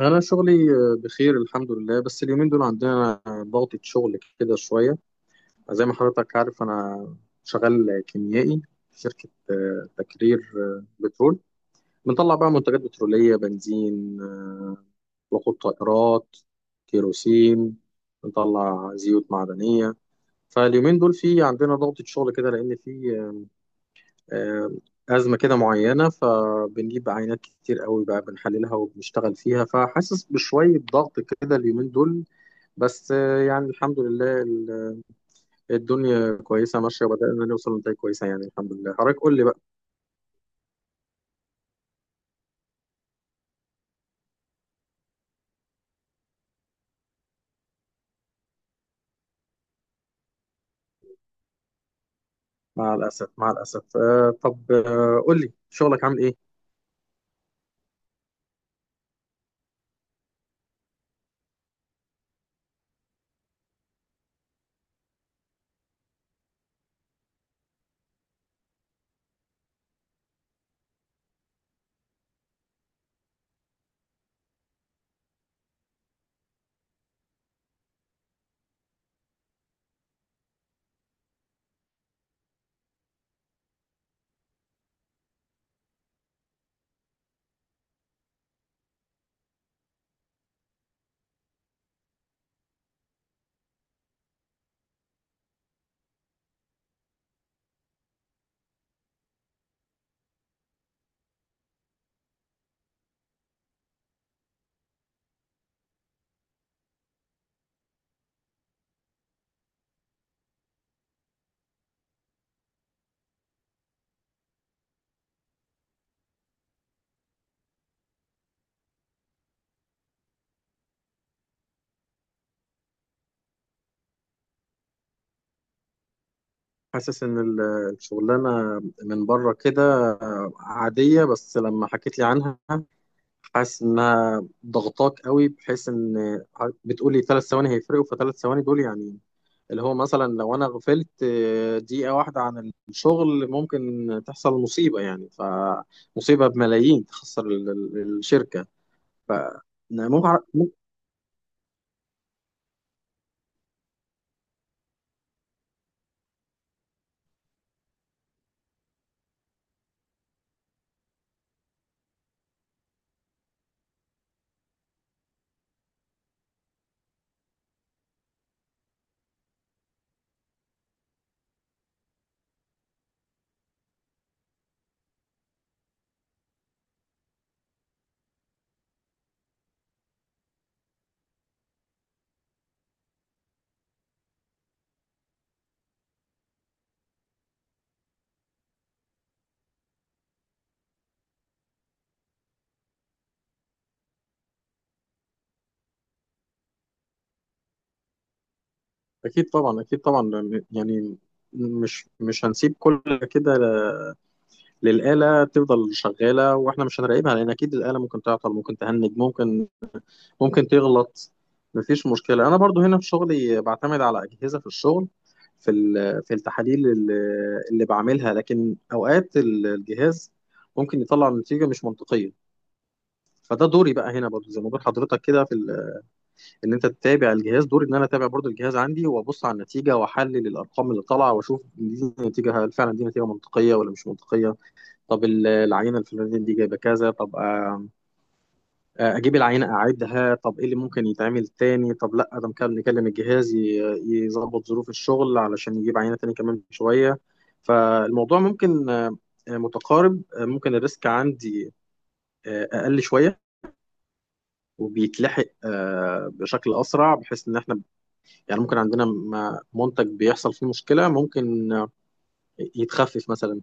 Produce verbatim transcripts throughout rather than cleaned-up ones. أنا شغلي آه، بخير الحمد لله، بس اليومين دول عندنا ضغطة شغل كده شوية، زي ما حضرتك عارف. أنا شغال كيميائي في شركة آه، تكرير آه، بترول. بنطلع بقى منتجات بترولية، بنزين، آه، وقود طائرات، كيروسين، بنطلع زيوت معدنية. فاليومين دول في عندنا ضغطة شغل كده لأن في آه، آه، أزمة كده معينة، فبنجيب عينات كتير قوي بقى بنحللها وبنشتغل فيها، فحاسس بشوية ضغط كده اليومين دول، بس آه، يعني الحمد لله ال- الدنيا كويسة ماشية، وبدأنا نوصل لنتائج كويسة يعني الحمد لله. حضرتك قول لي بقى. مع الأسف مع الأسف، آه، طب آه، قول لي شغلك عامل إيه؟ حاسس إن ال- الشغلانة من بره كده آه، عادية، بس لما حكيت لي عنها حاسس انها ضغطاك قوي بحيث ان بتقولي ثلاث ثواني هيفرقوا، فثلاث ثواني دول يعني اللي هو مثلا لو انا غفلت آه، دقيقة واحدة عن الشغل ممكن تحصل مصيبة يعني، فمصيبة بملايين تخسر ال- ال- الشركة. ف أنا ممكن ممكن- اكيد طبعا اكيد طبعا. يعني مش مش هنسيب كل كده للآلة تفضل شغالة واحنا مش هنراقبها، لان اكيد الآلة ممكن تعطل ممكن تهنج ممكن ممكن تغلط. مفيش مشكلة، أنا برضو هنا في شغلي بعتمد على أجهزة في الشغل، في ال- في التحاليل اللي اللي بعملها، لكن أوقات ال- الجهاز ممكن يطلع نتيجة مش منطقية. فده دوري بقى هنا برضو زي ما بقول حضرتك كده، في ال- ان انت تتابع الجهاز دوري، ان انا اتابع برضو الجهاز عندي وابص على النتيجه واحلل الارقام اللي طالعه واشوف دي نتيجه، هل فعلا دي نتيجه منطقيه ولا مش منطقيه؟ طب ال- العينه الفلانيه دي جايبه كذا، طب آه، آه، اجيب العينه اعيدها. طب ايه اللي ممكن يتعمل تاني؟ طب لا، ده ممكن نكلم الجهاز ي- يظبط ظروف الشغل علشان يجيب عينه تاني كمان شويه. فالموضوع ممكن آه، آه، متقارب، آه، ممكن الريسك عندي آه، اقل شويه، وبيتلحق آه، بشكل اسرع، بحيث ان احنا يعني ممكن عندنا م- منتج بيحصل فيه مشكله ممكن آه، يتخفف مثلا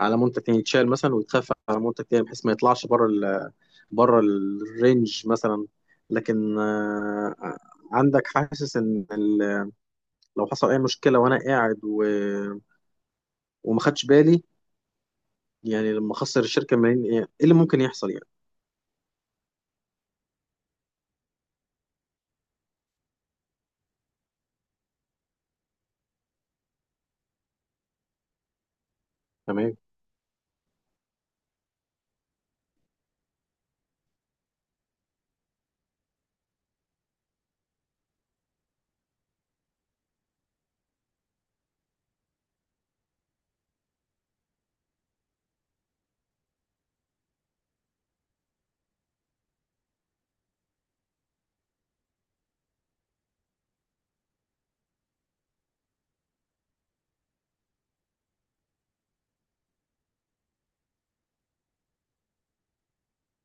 على منتج تاني، يتشال مثلا ويتخفى على منتج تاني بحيث ما يطلعش بره ال بره الرينج مثلا. لكن آه، عندك حاسس ان ال- لو حصل اي مشكله وانا قاعد و... وما خدش بالي، يعني لما اخسر الشركه ملايين، ايه إيه اللي ممكن يحصل يعني؟ تمام.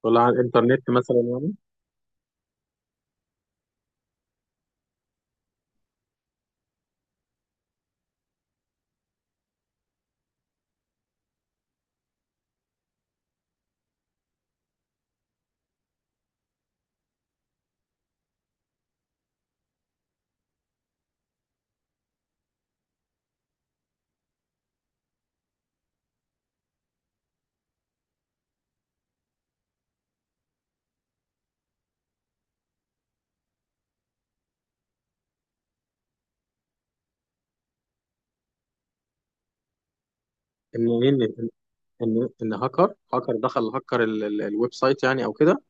ولا على الانترنت مثلا يعني؟ ان ان ان ان هاكر هاكر دخل، هاكر ال- ال- الويب سايت يعني او كده.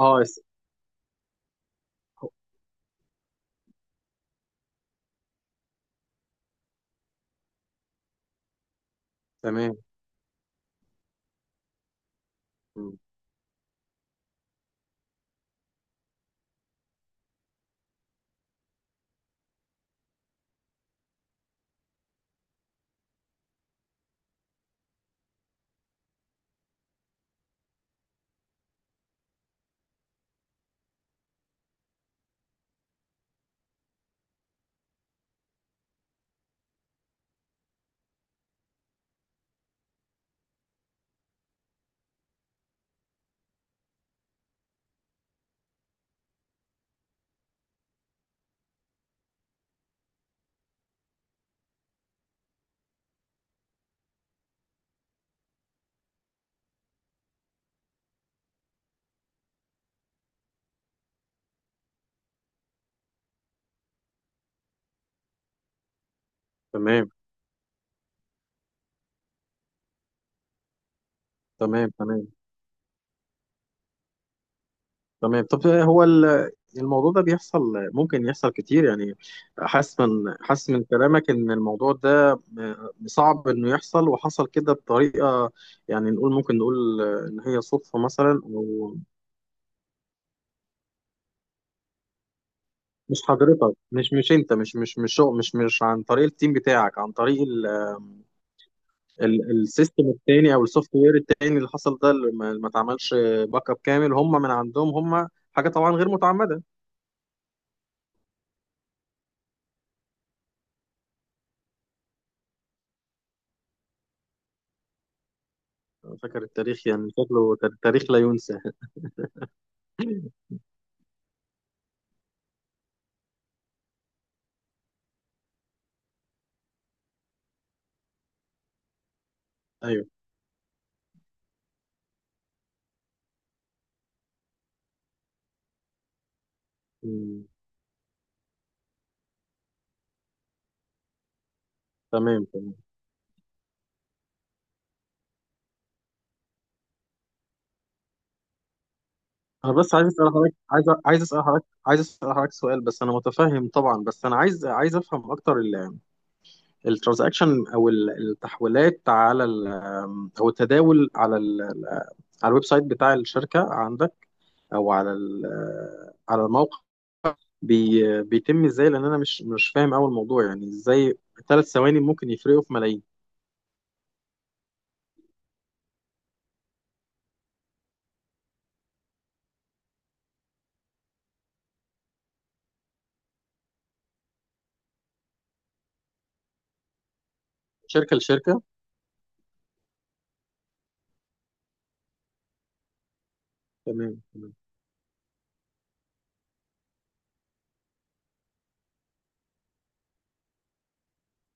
اه اس- تمام. مم. تمام تمام. تمام تمام، طب هو ال- الموضوع ده بيحصل ممكن يحصل كتير يعني؟ حاسس من حاسس من كلامك ان الموضوع ده م- صعب انه يحصل، وحصل كده بطريقه يعني، نقول ممكن نقول ان هي صدفه مثلا او... مش حضرتك، مش مش انت، مش مش مش شغل- مش مش عن طريق التيم بتاعك، عن طريق ال ال- السيستم التاني او السوفت وير التاني اللي حصل ده اللي ما ما اتعملش باك اب كامل، هم من عندهم. هم حاجه طبعا غير متعمده. أنا فاكر التاريخ، يعني شكله تاريخ لا ينسى. ايوه. مم. تمام تمام. انا بس عايز اسال حضرتك عايز عايز اسال حضرتك عايز اسال حضرتك سؤال. بس انا متفهم طبعا، بس انا عايز عايز افهم اكتر. الترانزاكشن او ال- التحويلات على ال- او التداول على ال- على الويب سايت بتاع الشركه عندك، او على ال- على الموقع، بي بيتم ازاي؟ لان انا مش مش فاهم اول الموضوع، يعني ازاي ثلاث ثواني ممكن يفرقوا في ملايين. شركه لشركه. تمام تمام.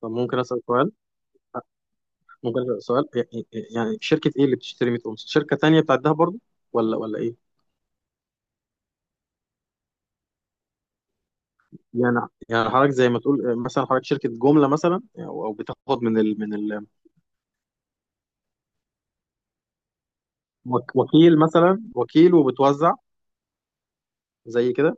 طب ممكن اسال سؤال؟ مجرد سؤال يعني يعني شركة ايه اللي بتشتري ميكروباص؟ شركة تانية بتعدها برضو ولا ولا ايه؟ يعني يعني حضرتك زي ما تقول مثلا، حضرتك شركة جملة مثلا، او أو بتاخد من ال من ال وك- وكيل مثلا، وكيل وبتوزع زي كده.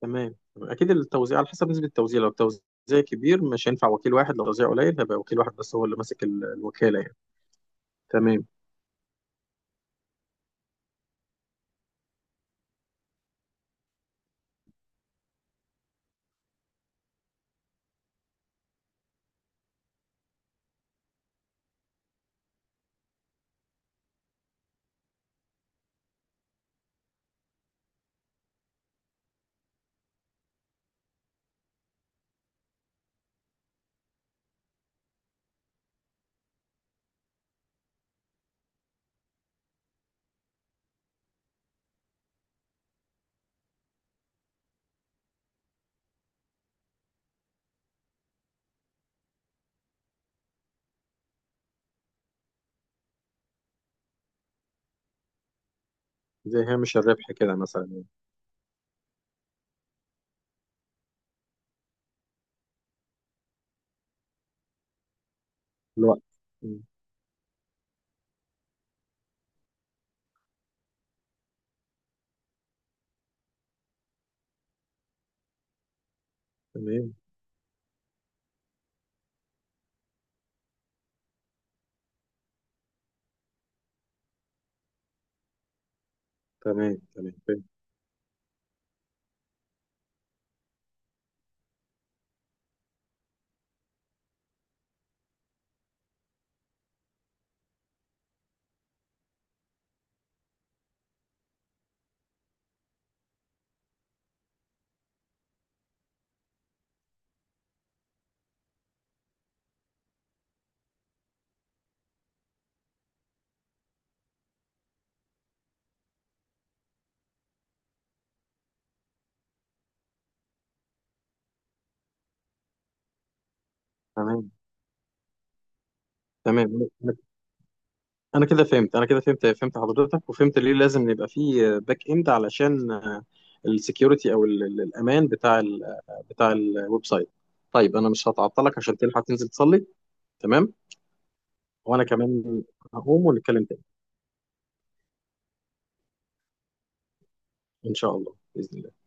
تمام اكيد، التوزيع على حسب نسبة التوزيع، لو التوزيع كبير مش هينفع وكيل واحد، لو التوزيع قليل هيبقى وكيل واحد بس هو اللي ماسك ال- الوكالة يعني. تمام. زي هامش الربح كده مثلا يعني. الوقت. م. تمام تمام. تمام. تمام تمام. تمام انا كده فهمت انا كده فهمت فهمت حضرتك، وفهمت ليه لازم يبقى فيه باك اند علشان السكيورتي او ال- ال- الامان بتاع ال بتاع الويب سايت. طيب انا مش هتعطلك عشان تلحق تنزل تصلي. تمام. وانا كمان هقوم ونتكلم تاني ان شاء الله باذن الله.